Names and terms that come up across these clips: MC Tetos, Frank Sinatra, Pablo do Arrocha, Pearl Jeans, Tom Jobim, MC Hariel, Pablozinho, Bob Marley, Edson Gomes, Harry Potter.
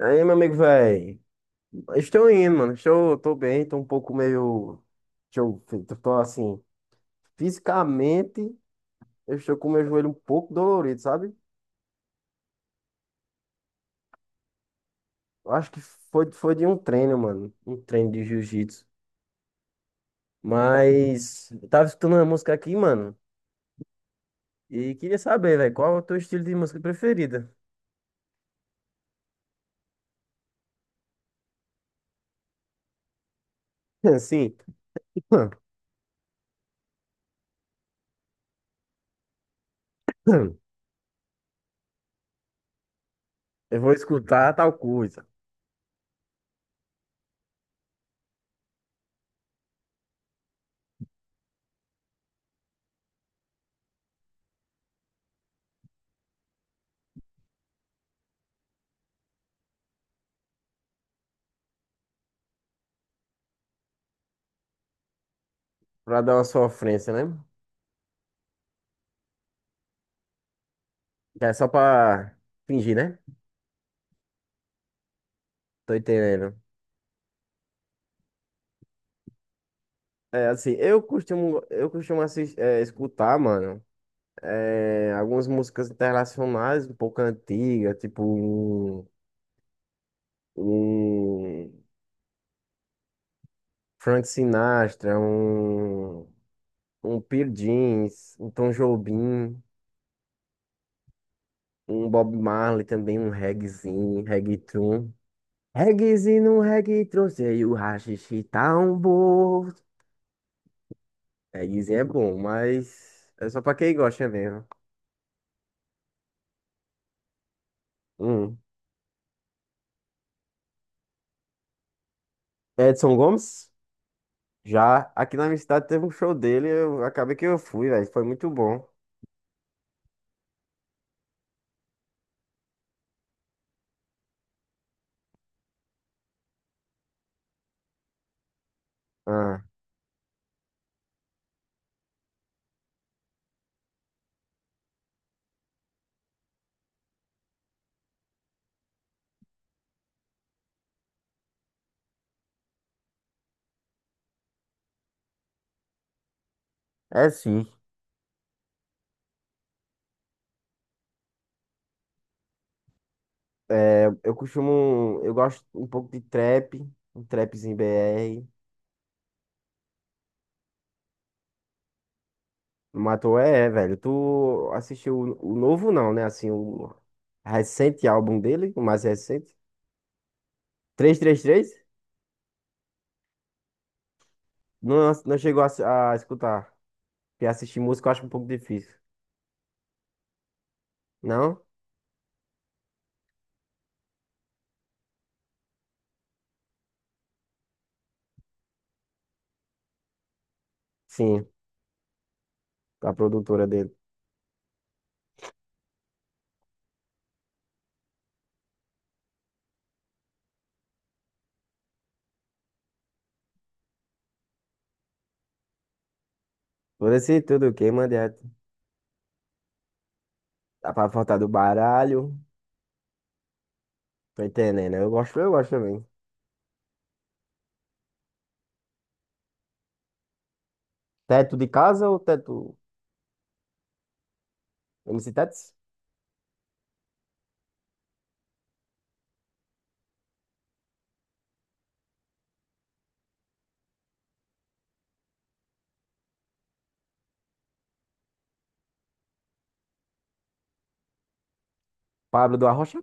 Aí, meu amigo, velho, estou indo, mano. Tô bem, tô um pouco meio. Estou, tô tô assim, fisicamente, eu estou com o meu joelho um pouco dolorido, sabe? Eu acho que foi de um treino, mano. Um treino de jiu-jitsu. Mas, eu tava escutando uma música aqui, mano, e queria saber, velho, qual é o teu estilo de música preferida? Assim, eu vou escutar tal coisa, pra dar uma sofrência, né? Que é só pra fingir, né? Tô entendendo. É, assim, eu costumo assistir escutar, mano, algumas músicas internacionais um pouco antigas, tipo um, um Frank Sinatra, um Pearl Jeans, um Tom Jobim, um Bob Marley também, um reggaezinho, um reggaeton. Reggaezinho, um reggaeton, sei o haxixe tá um bom. Reggaezinho é bom, mas é só pra quem gosta mesmo. Hum. Edson Gomes? Já aqui na minha cidade teve um show dele, eu acabei que eu fui, velho. Foi muito bom. Ah, é sim. É, eu costumo. Eu gosto um pouco de trap, um trapzinho BR. Matou é, velho. Tu assistiu o novo, não, né? Assim, o recente álbum dele, o mais recente. 333. Não, não chegou a, a escutar. Porque assistir música eu acho um pouco difícil. Não? Sim, a produtora dele. Por esse tudo quem manda. Dá pra faltar do baralho. Tô entendendo. Eu gosto também. Teto de casa ou teto. MC Tetos? Pablo do Arrocha?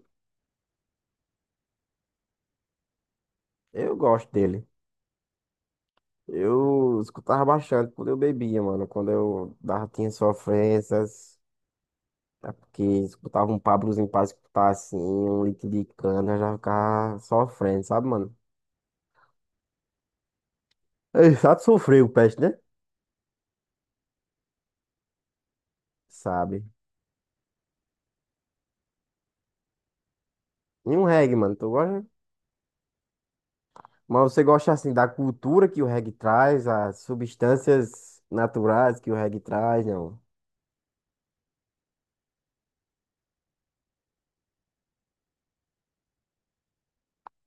Eu gosto dele. Eu escutava bastante quando eu bebia, mano. Quando eu dava, tinha sofrências. É porque escutava um Pablozinho pra escutar assim, um litro de cana, já ficava sofrendo, sabe, mano? Ei, sabe sofrer o peste, né? Sabe. E um reggae, mano. Tu gosta? Mas você gosta assim da cultura que o reggae traz, as substâncias naturais que o reggae traz, não?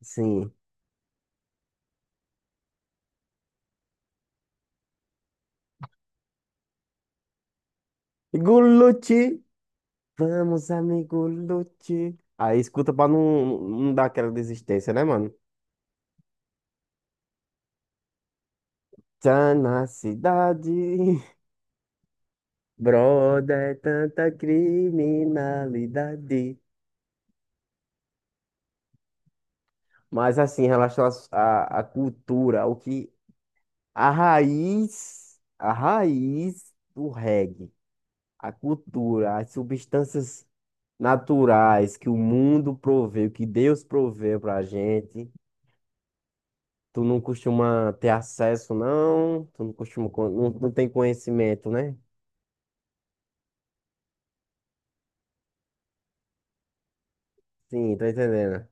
Sim. Guluti, vamos, amigo Lute. Aí escuta pra não dar aquela desistência, né, mano? Tá na cidade, brother, é tanta criminalidade. Mas assim, em relação à cultura, o que a raiz do reggae, a cultura, as substâncias naturais que o mundo proveu, que Deus proveu pra gente. Tu não costuma ter acesso, não? Tu não costuma, não tem conhecimento, né? Sim, tô entendendo.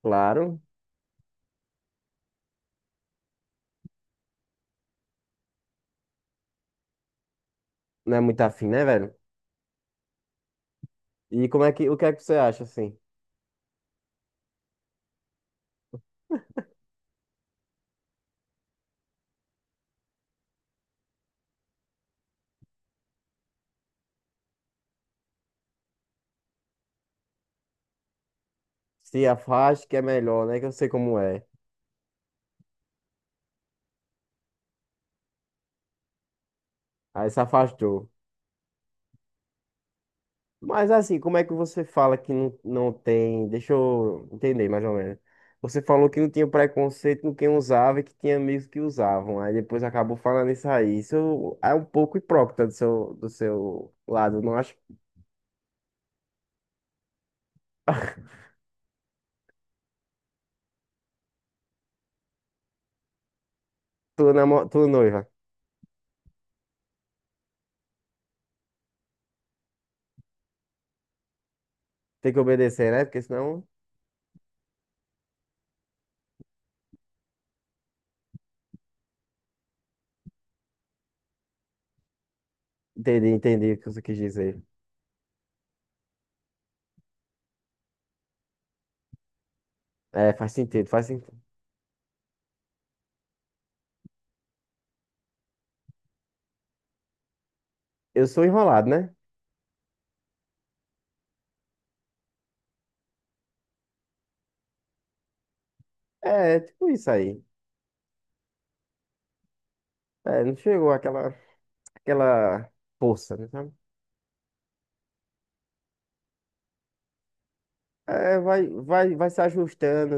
Claro, não é muito afim, né, velho? E como é que, o que é que você acha, assim? Se afaste que é melhor, né? Que eu sei como é. Aí se afastou. Mas assim, como é que você fala que não tem? Deixa eu entender mais ou menos. Você falou que não tinha preconceito com quem usava e que tinha amigos que usavam. Aí depois acabou falando isso aí. Isso é um pouco hipócrita do seu lado, não acha? Tu noiva. Tem que obedecer, né? Porque senão. Entendi, entendi o que você quis dizer. É, faz sentido, faz sentido. Eu sou enrolado, né? É, tipo isso aí. É, não chegou aquela força, né? Sabe? É, vai, vai, vai se ajustando.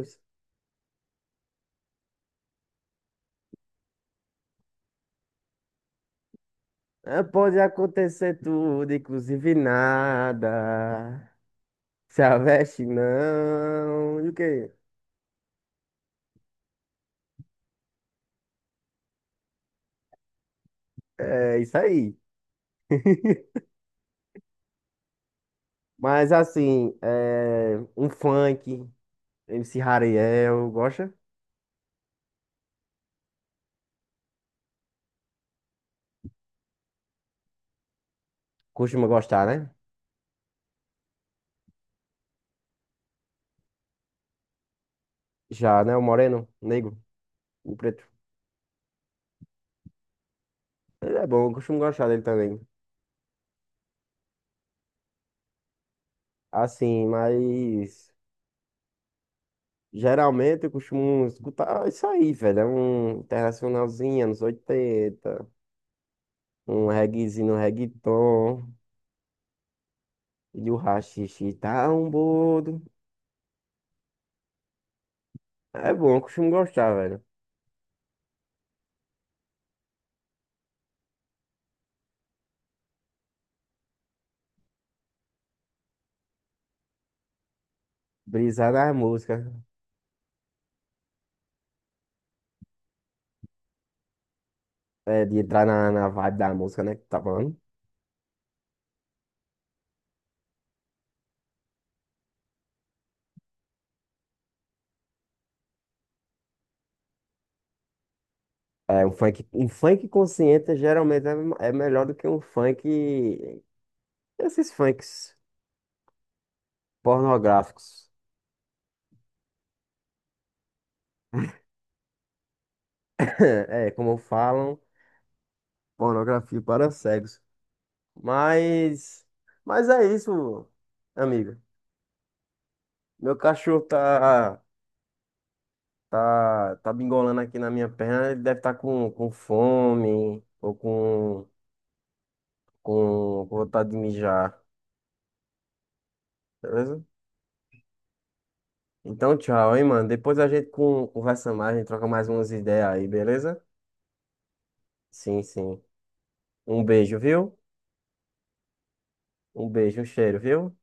É, pode acontecer tudo, inclusive nada. Se a veste não. E o quê? É isso aí. Mas assim, um funk, MC Hariel, gosta? Costuma gostar, né? Já, né? O moreno, o negro, o preto. Ele é bom, eu costumo gostar dele também. Assim, mas geralmente eu costumo escutar isso aí, velho. É um internacionalzinho, anos 80, um reguezinho, um reggaeton, e o haxixe tá um bodo. É bom, eu costumo gostar, velho. Brisar na música, de entrar na, vibe da música, né, que tá falando. É, um funk consciente geralmente é melhor do que um funk. Esses funks pornográficos. É, como falam, pornografia para cegos. Mas, mas, é isso, amigo. Meu cachorro tá bingolando aqui na minha perna. Ele deve estar com fome ou com vontade de mijar, beleza? Então, tchau, hein, mano. Depois a gente conversa mais, a gente troca mais umas ideias aí, beleza? Sim, sim. Um beijo, viu? Um beijo, um cheiro, viu?